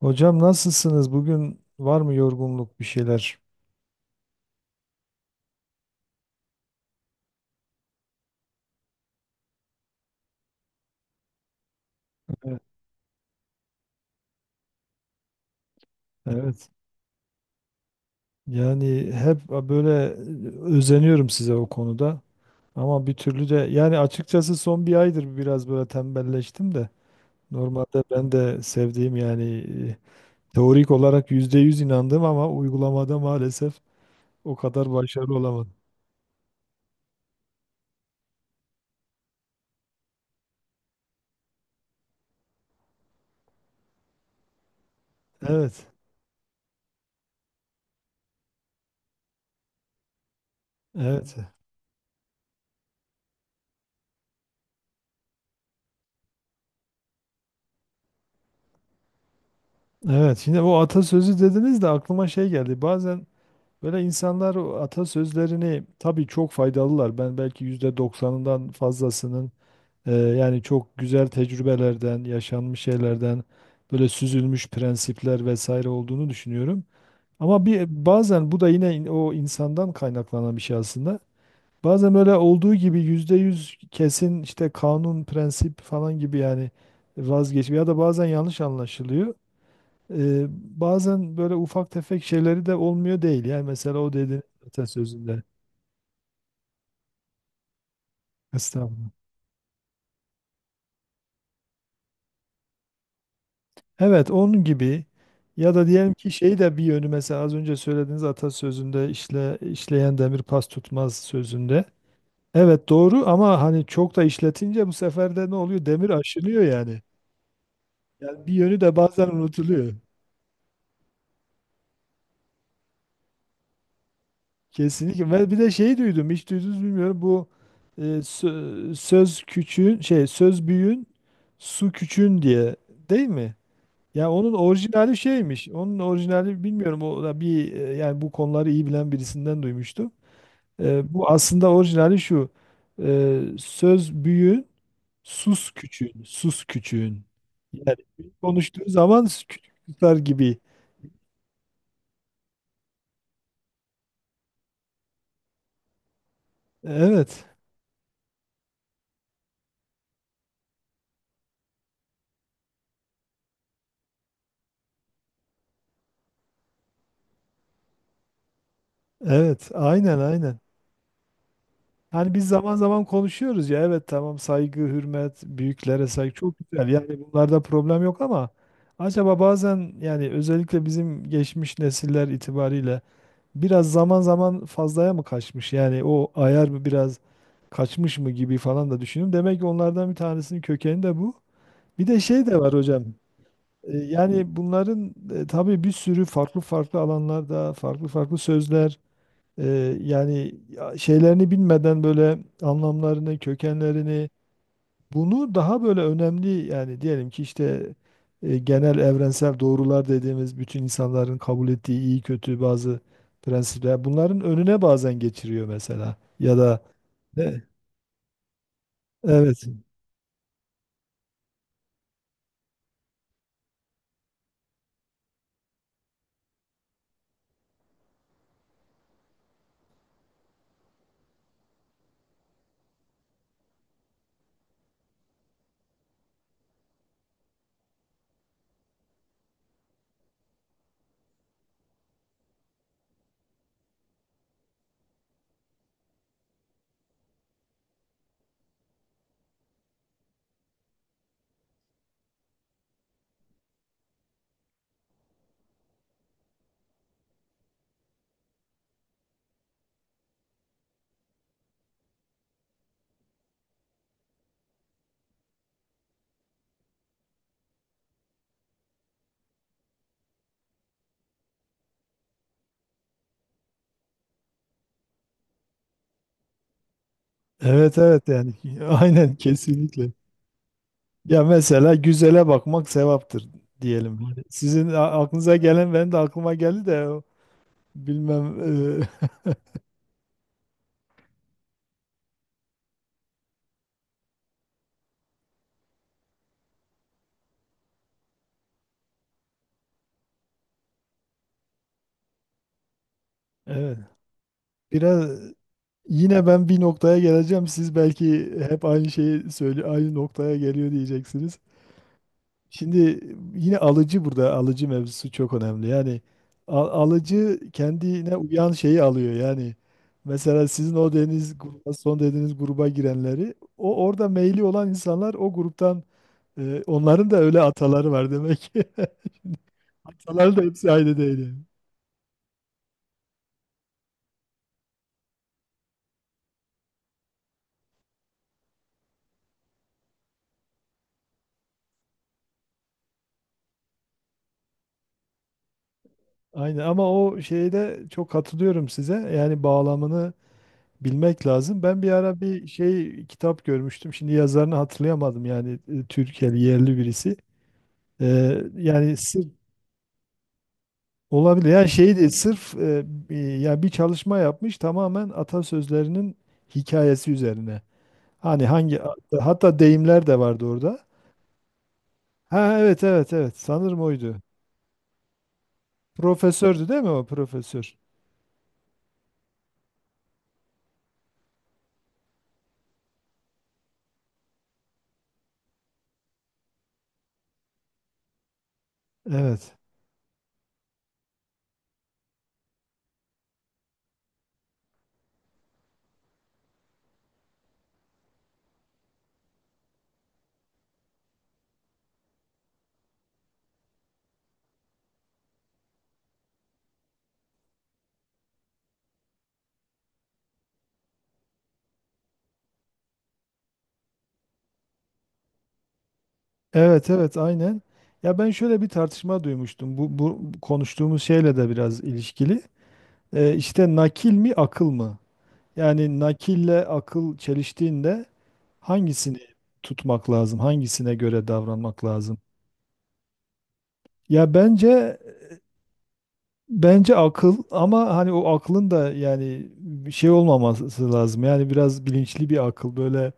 Hocam nasılsınız? Bugün var mı yorgunluk bir şeyler? Evet. Evet. Yani hep böyle özeniyorum size o konuda. Ama bir türlü de yani açıkçası son bir aydır biraz böyle tembelleştim de. Normalde ben de sevdiğim yani e, teorik olarak %100 inandım ama uygulamada maalesef o kadar başarılı olamadım. Evet, evet, evet. Şimdi o atasözü dediniz de aklıma şey geldi. Bazen böyle insanlar o atasözlerini tabii çok faydalılar. Ben belki %90'ından fazlasının yani çok güzel tecrübelerden, yaşanmış şeylerden böyle süzülmüş prensipler vesaire olduğunu düşünüyorum. Ama bir bazen bu da yine o insandan kaynaklanan bir şey aslında. Bazen böyle olduğu gibi %100 kesin işte kanun, prensip falan gibi yani vazgeç ya da bazen yanlış anlaşılıyor. Ee, Bazen böyle ufak tefek şeyleri de olmuyor değil. Yani mesela o dediğin atasözünde. Estağfurullah. Evet, onun gibi ya da diyelim ki şey de bir yönü, mesela az önce söylediğiniz atasözünde, işleyen demir pas tutmaz sözünde. Evet, doğru ama hani çok da işletince bu sefer de ne oluyor? Demir aşınıyor yani. Yani bir yönü de bazen unutuluyor. Kesinlikle. Ve bir de şey duydum, hiç duydunuz bilmiyorum. Bu söz küçüğün, şey söz büyüğün, su küçüğün diye, değil mi? Ya onun orijinali şeymiş. Onun orijinali bilmiyorum. O da bir yani bu konuları iyi bilen birisinden duymuştum. Bu aslında orijinali şu. Söz büyüğün, sus küçüğün, sus küçüğün. Yani büyük konuştuğu zaman küçük tutar gibi. Evet, evet, aynen aynen. Hani biz zaman zaman konuşuyoruz ya, evet, tamam, saygı, hürmet, büyüklere saygı çok güzel. Yani bunlarda problem yok ama acaba bazen, yani özellikle bizim geçmiş nesiller itibariyle, biraz zaman zaman fazlaya mı kaçmış? Yani o ayar mı biraz kaçmış mı gibi falan da düşünüyorum. Demek ki onlardan bir tanesinin kökeni de bu. Bir de şey de var hocam. Yani bunların tabii bir sürü farklı farklı alanlarda farklı farklı sözler, yani ya şeylerini bilmeden böyle anlamlarını, kökenlerini bunu daha böyle önemli, yani diyelim ki işte genel evrensel doğrular dediğimiz bütün insanların kabul ettiği iyi kötü bazı prensipler bunların önüne bazen geçiriyor mesela, ya da e, evet evet evet yani aynen kesinlikle. Ya mesela güzele bakmak sevaptır diyelim. Hani sizin aklınıza gelen benim de aklıma geldi de o bilmem e, evet. Biraz. Yine ben bir noktaya geleceğim. Siz belki hep aynı şeyi söyle, aynı noktaya geliyor diyeceksiniz. Şimdi yine alıcı, burada alıcı mevzusu çok önemli. Yani alıcı kendine uyan şeyi alıyor. Yani mesela sizin o son dediğiniz gruba girenleri, o orada meyli olan insanlar o gruptan, onların da öyle ataları var demek ki. Ataları da hepsi aynı değil. Yani. Aynen, ama o şeyde çok katılıyorum size. Yani bağlamını bilmek lazım. Ben bir ara bir şey, kitap görmüştüm. Şimdi yazarını hatırlayamadım, yani Türkiye'li yerli birisi. Yani sırf olabilir. Yani şey değil, sırf yani bir çalışma yapmış tamamen atasözlerinin hikayesi üzerine. Hani hatta deyimler de vardı orada. Ha, evet evet evet, sanırım oydu. Profesördü değil mi o, profesör? Evet. Evet evet aynen. Ya ben şöyle bir tartışma duymuştum. Bu, bu konuştuğumuz şeyle de biraz ilişkili. İşte nakil mi, akıl mı? Yani nakille akıl çeliştiğinde hangisini tutmak lazım? Hangisine göre davranmak lazım? Ya bence, akıl, ama hani o aklın da yani bir şey olmaması lazım. Yani biraz bilinçli bir akıl, böyle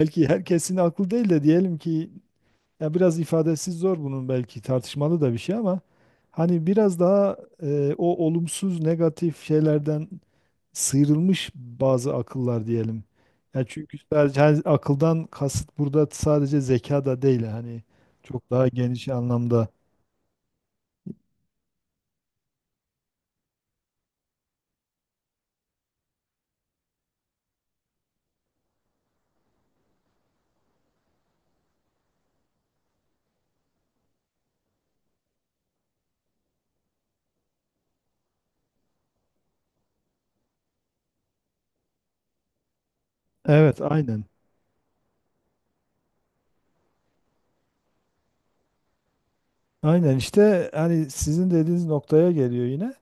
belki herkesin aklı değil de diyelim ki, ya biraz ifadesi zor bunun, belki tartışmalı da bir şey, ama hani biraz daha o olumsuz negatif şeylerden sıyrılmış bazı akıllar diyelim. Ya çünkü sadece, hani akıldan kasıt burada sadece zeka da değil, hani çok daha geniş anlamda. Evet, aynen. Aynen işte hani sizin dediğiniz noktaya geliyor yine.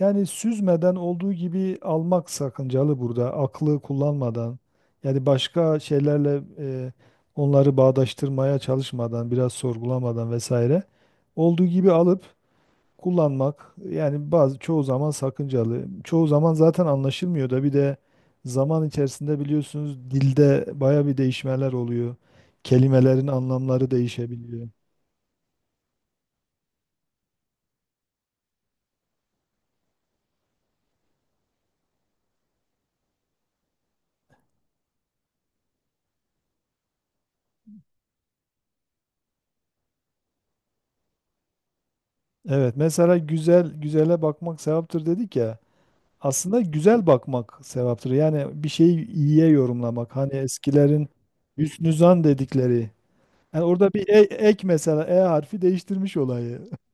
Yani süzmeden olduğu gibi almak sakıncalı burada. Aklı kullanmadan, yani başka şeylerle onları bağdaştırmaya çalışmadan, biraz sorgulamadan vesaire, olduğu gibi alıp kullanmak yani bazı, çoğu zaman sakıncalı. Çoğu zaman zaten anlaşılmıyor da, bir de zaman içerisinde biliyorsunuz dilde baya bir değişmeler oluyor. Kelimelerin anlamları değişebiliyor. Evet, mesela güzel güzele bakmak sevaptır dedik ya. Aslında güzel bakmak sevaptır. Yani bir şeyi iyiye yorumlamak. Hani eskilerin hüsnü zan dedikleri. Yani orada bir ek, mesela E harfi değiştirmiş olayı.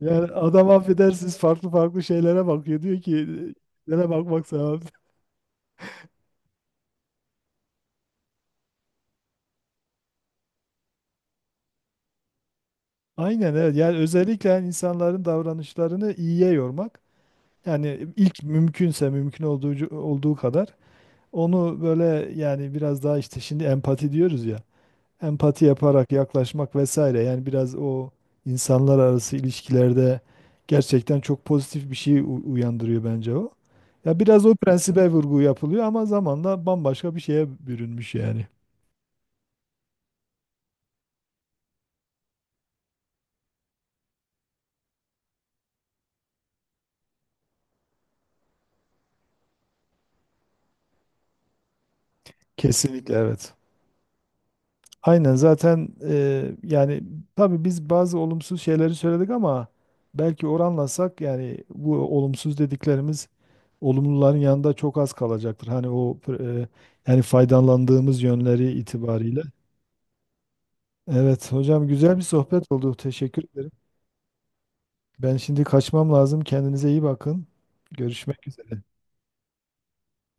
Yani adam, affedersiniz, farklı farklı şeylere bakıyor. Diyor ki nereye bakmak sevap. Aynen evet. Yani özellikle yani insanların davranışlarını iyiye yormak. Yani ilk mümkünse, mümkün olduğu, olduğu kadar onu böyle, yani biraz daha işte şimdi empati diyoruz ya. Empati yaparak yaklaşmak vesaire. Yani biraz o insanlar arası ilişkilerde gerçekten çok pozitif bir şey uyandırıyor bence o. Ya biraz o prensibe vurgu yapılıyor ama zamanla bambaşka bir şeye bürünmüş yani. Kesinlikle evet. Aynen zaten yani tabii biz bazı olumsuz şeyleri söyledik ama belki oranlasak, yani bu olumsuz dediklerimiz olumluların yanında çok az kalacaktır. Hani o yani faydalandığımız yönleri itibariyle. Evet hocam, güzel bir sohbet oldu. Teşekkür ederim. Ben şimdi kaçmam lazım. Kendinize iyi bakın. Görüşmek üzere.